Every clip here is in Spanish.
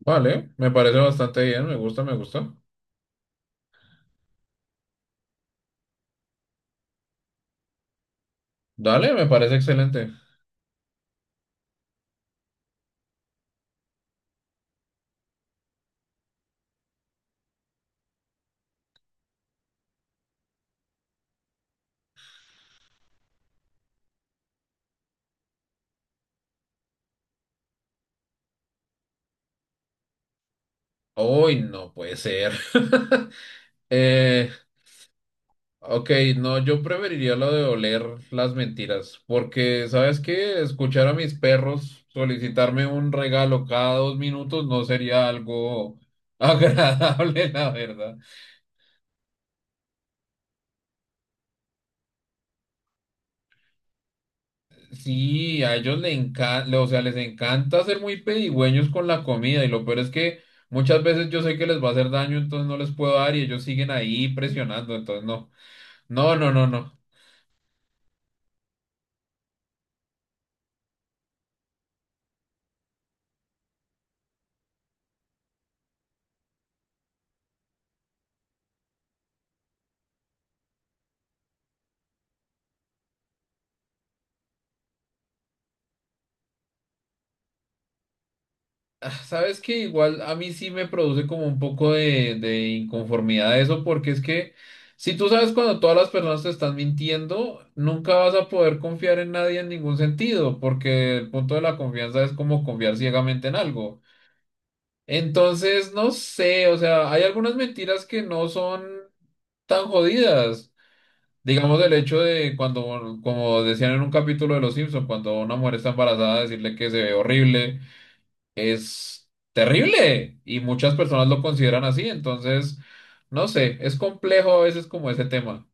Vale, me parece bastante bien, me gusta, me gusta. Dale, me parece excelente. Uy, no puede ser. Eh, ok, no, yo preferiría lo de oler las mentiras, porque, ¿sabes qué? Escuchar a mis perros solicitarme un regalo cada 2 minutos no sería algo agradable, la verdad. Sí, a ellos les encanta, o sea, les encanta ser muy pedigüeños con la comida y lo peor es que muchas veces yo sé que les va a hacer daño, entonces no les puedo dar y ellos siguen ahí presionando, entonces no, no, no, no, no. Ah, sabes que igual a mí sí me produce como un poco de inconformidad eso porque es que si tú sabes cuando todas las personas te están mintiendo, nunca vas a poder confiar en nadie en ningún sentido porque el punto de la confianza es como confiar ciegamente en algo. Entonces, no sé, o sea, hay algunas mentiras que no son tan jodidas. Digamos el hecho de cuando, como decían en un capítulo de Los Simpson, cuando una mujer está embarazada, decirle que se ve horrible es terrible y muchas personas lo consideran así. Entonces, no sé, es complejo a veces como ese tema.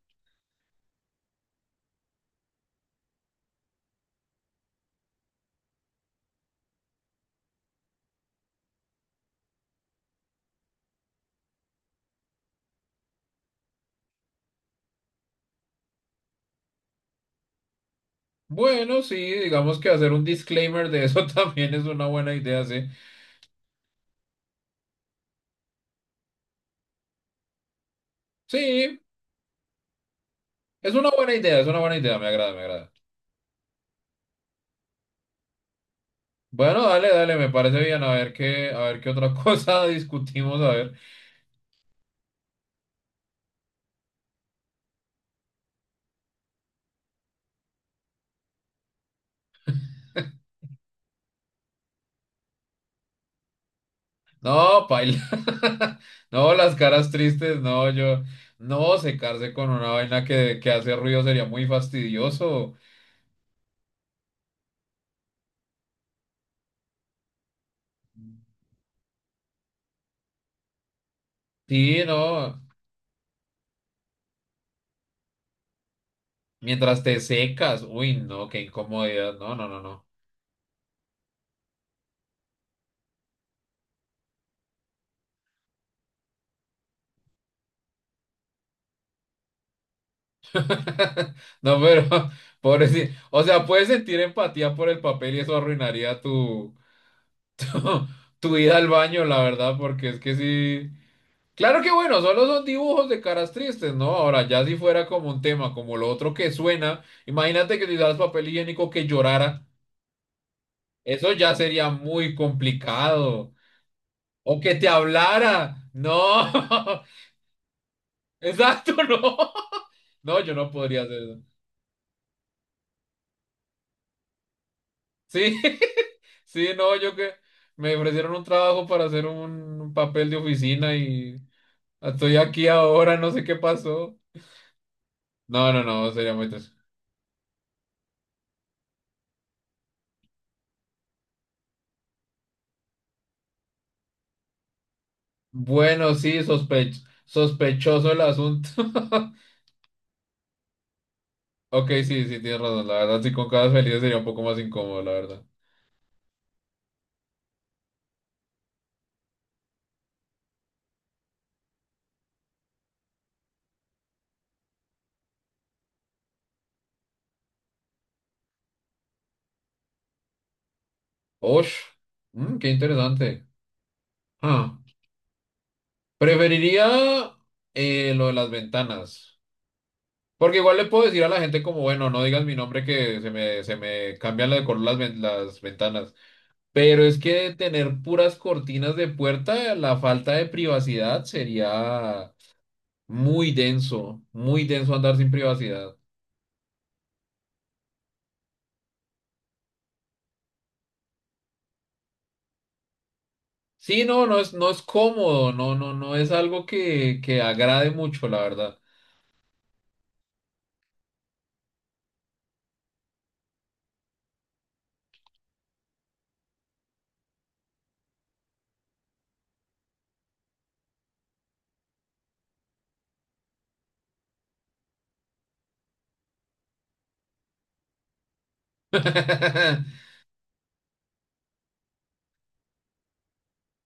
Bueno, sí, digamos que hacer un disclaimer de eso también es una buena idea, sí. Sí, es una buena idea, es una buena idea, me agrada, me agrada. Bueno, dale, dale, me parece bien. A ver qué otra cosa discutimos, a ver. No, paila. No, las caras tristes, no, yo. No, secarse con una vaina que hace ruido sería muy fastidioso. Sí, no. Mientras te secas. Uy, no, qué incomodidad. No, no, no, no. No, pero, pobrecito. O sea, puedes sentir empatía por el papel y eso arruinaría tu, tu ida al baño, la verdad, porque es que sí. Claro que bueno, solo son dibujos de caras tristes, ¿no? Ahora, ya si fuera como un tema, como lo otro que suena, imagínate que utilizaras papel higiénico que llorara, eso ya sería muy complicado. O que te hablara, no, exacto, no, no, yo no podría hacer eso. Sí, sí, no, yo que me ofrecieron un trabajo para hacer un papel de oficina y estoy aquí ahora, no sé qué pasó. No, no, no, sería muy triste. Bueno, sí, sospechoso el asunto. Ok, sí, sí, tienes razón. La verdad, sí, con caras felices sería un poco más incómodo, la verdad. Osh, mm, qué interesante. Ah, preferiría lo de las ventanas. Porque igual le puedo decir a la gente como, bueno, no digas mi nombre que se me cambian de color las ventanas. Pero es que tener puras cortinas de puerta, la falta de privacidad sería muy denso andar sin privacidad. Sí, no, no es cómodo, no, no, no es algo que agrade mucho, la verdad.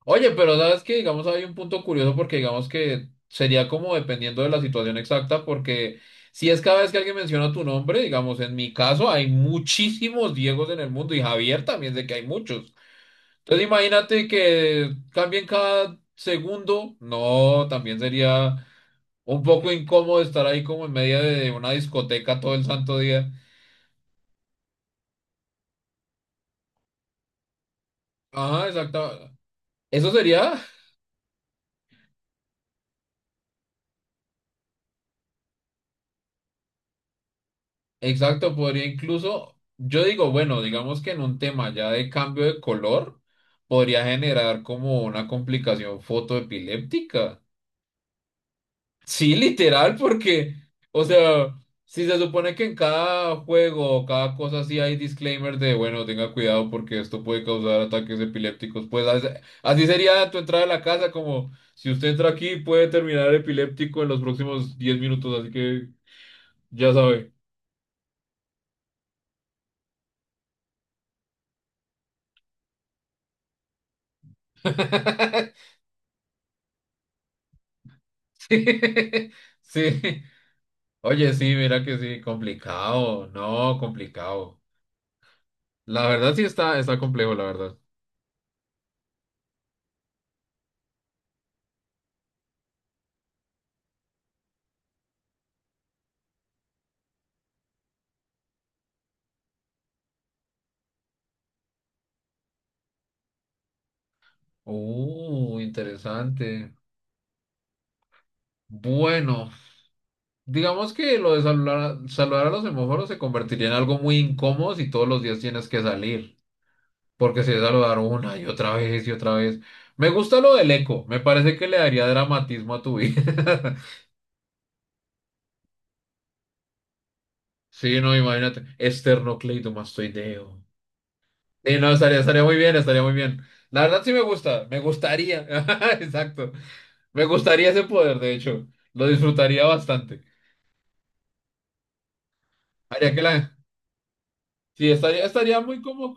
Oye, pero sabes que, digamos, hay un punto curioso porque digamos que sería como dependiendo de la situación exacta, porque si es cada vez que alguien menciona tu nombre, digamos, en mi caso hay muchísimos Diegos en el mundo y Javier también sé que hay muchos. Entonces imagínate que cambien cada segundo, no, también sería un poco incómodo estar ahí como en medio de una discoteca todo el santo día. Ajá, exacto. Eso sería, exacto, podría incluso, yo digo, bueno, digamos que en un tema ya de cambio de color, podría generar como una complicación fotoepiléptica. Sí, literal, porque, o sea, si se supone que en cada juego o cada cosa así hay disclaimer de, bueno, tenga cuidado porque esto puede causar ataques epilépticos, pues así sería tu entrada a la casa, como si usted entra aquí puede terminar epiléptico en los próximos 10 minutos, así que ya sabe. Sí, sí. Oye, sí, mira que sí, complicado. No, complicado. La verdad sí está complejo, la verdad. Interesante. Bueno, digamos que lo de saludar a los semáforos se convertiría en algo muy incómodo si todos los días tienes que salir. Porque si es saludar una y otra vez y otra vez. Me gusta lo del eco. Me parece que le daría dramatismo a tu vida. Sí, no, imagínate. Esternocleidomastoideo. Sí, no, estaría muy bien, estaría muy bien. La verdad sí me gusta, me gustaría, exacto, me gustaría ese poder, de hecho, lo disfrutaría bastante. Haría que la... Sí, estaría muy como...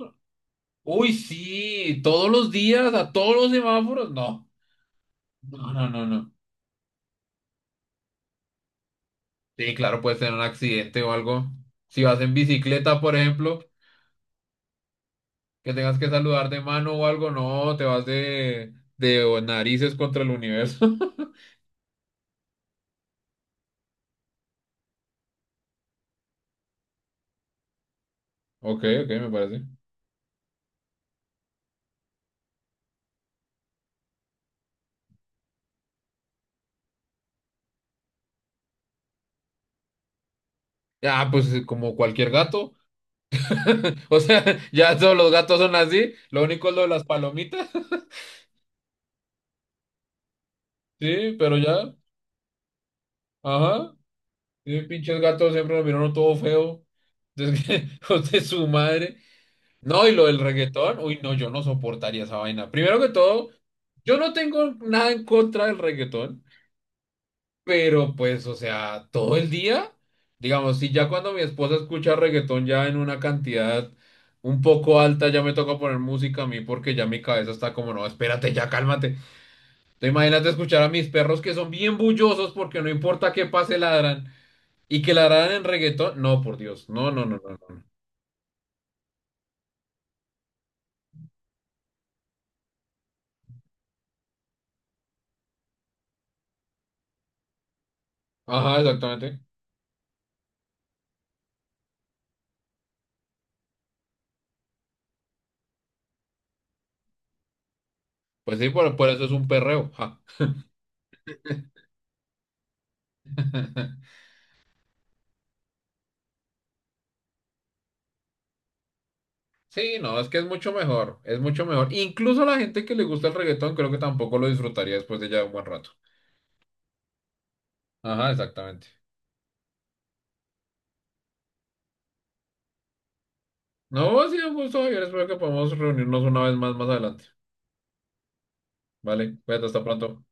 Uy, sí, todos los días, a todos los semáforos, no, no, no, no, no. Sí, claro, puedes tener un accidente o algo. Si vas en bicicleta, por ejemplo, que tengas que saludar de mano o algo, no, te vas de narices contra el universo. Ok, ok, me parece. Ah, pues como cualquier gato. O sea, ya todos los gatos son así. Lo único es lo de las palomitas. Sí, pero ya. Ajá. Y pinches gatos siempre lo miraron todo feo. Entonces, hijos de su madre. No, y lo del reggaetón. Uy, no, yo no soportaría esa vaina. Primero que todo, yo no tengo nada en contra del reggaetón. Pero pues, o sea, todo el día. Digamos, si ya cuando mi esposa escucha reggaetón ya en una cantidad un poco alta, ya me toca poner música a mí porque ya mi cabeza está como, no, espérate, ya cálmate. Te imagínate escuchar a mis perros que son bien bullosos porque no importa qué pase ladran y que ladraran en reggaetón. No, por Dios. No, no, no, no, no. No. Ajá, exactamente. Pues sí, por eso es un perreo. Ja. Sí, no, es que es mucho mejor. Es mucho mejor. Incluso la gente que le gusta el reggaetón creo que tampoco lo disfrutaría después de ya un buen rato. Ajá, exactamente. No, ha sido un gusto, Javier. Espero que podamos reunirnos una vez más más adelante. Vale, cuídate, hasta pronto.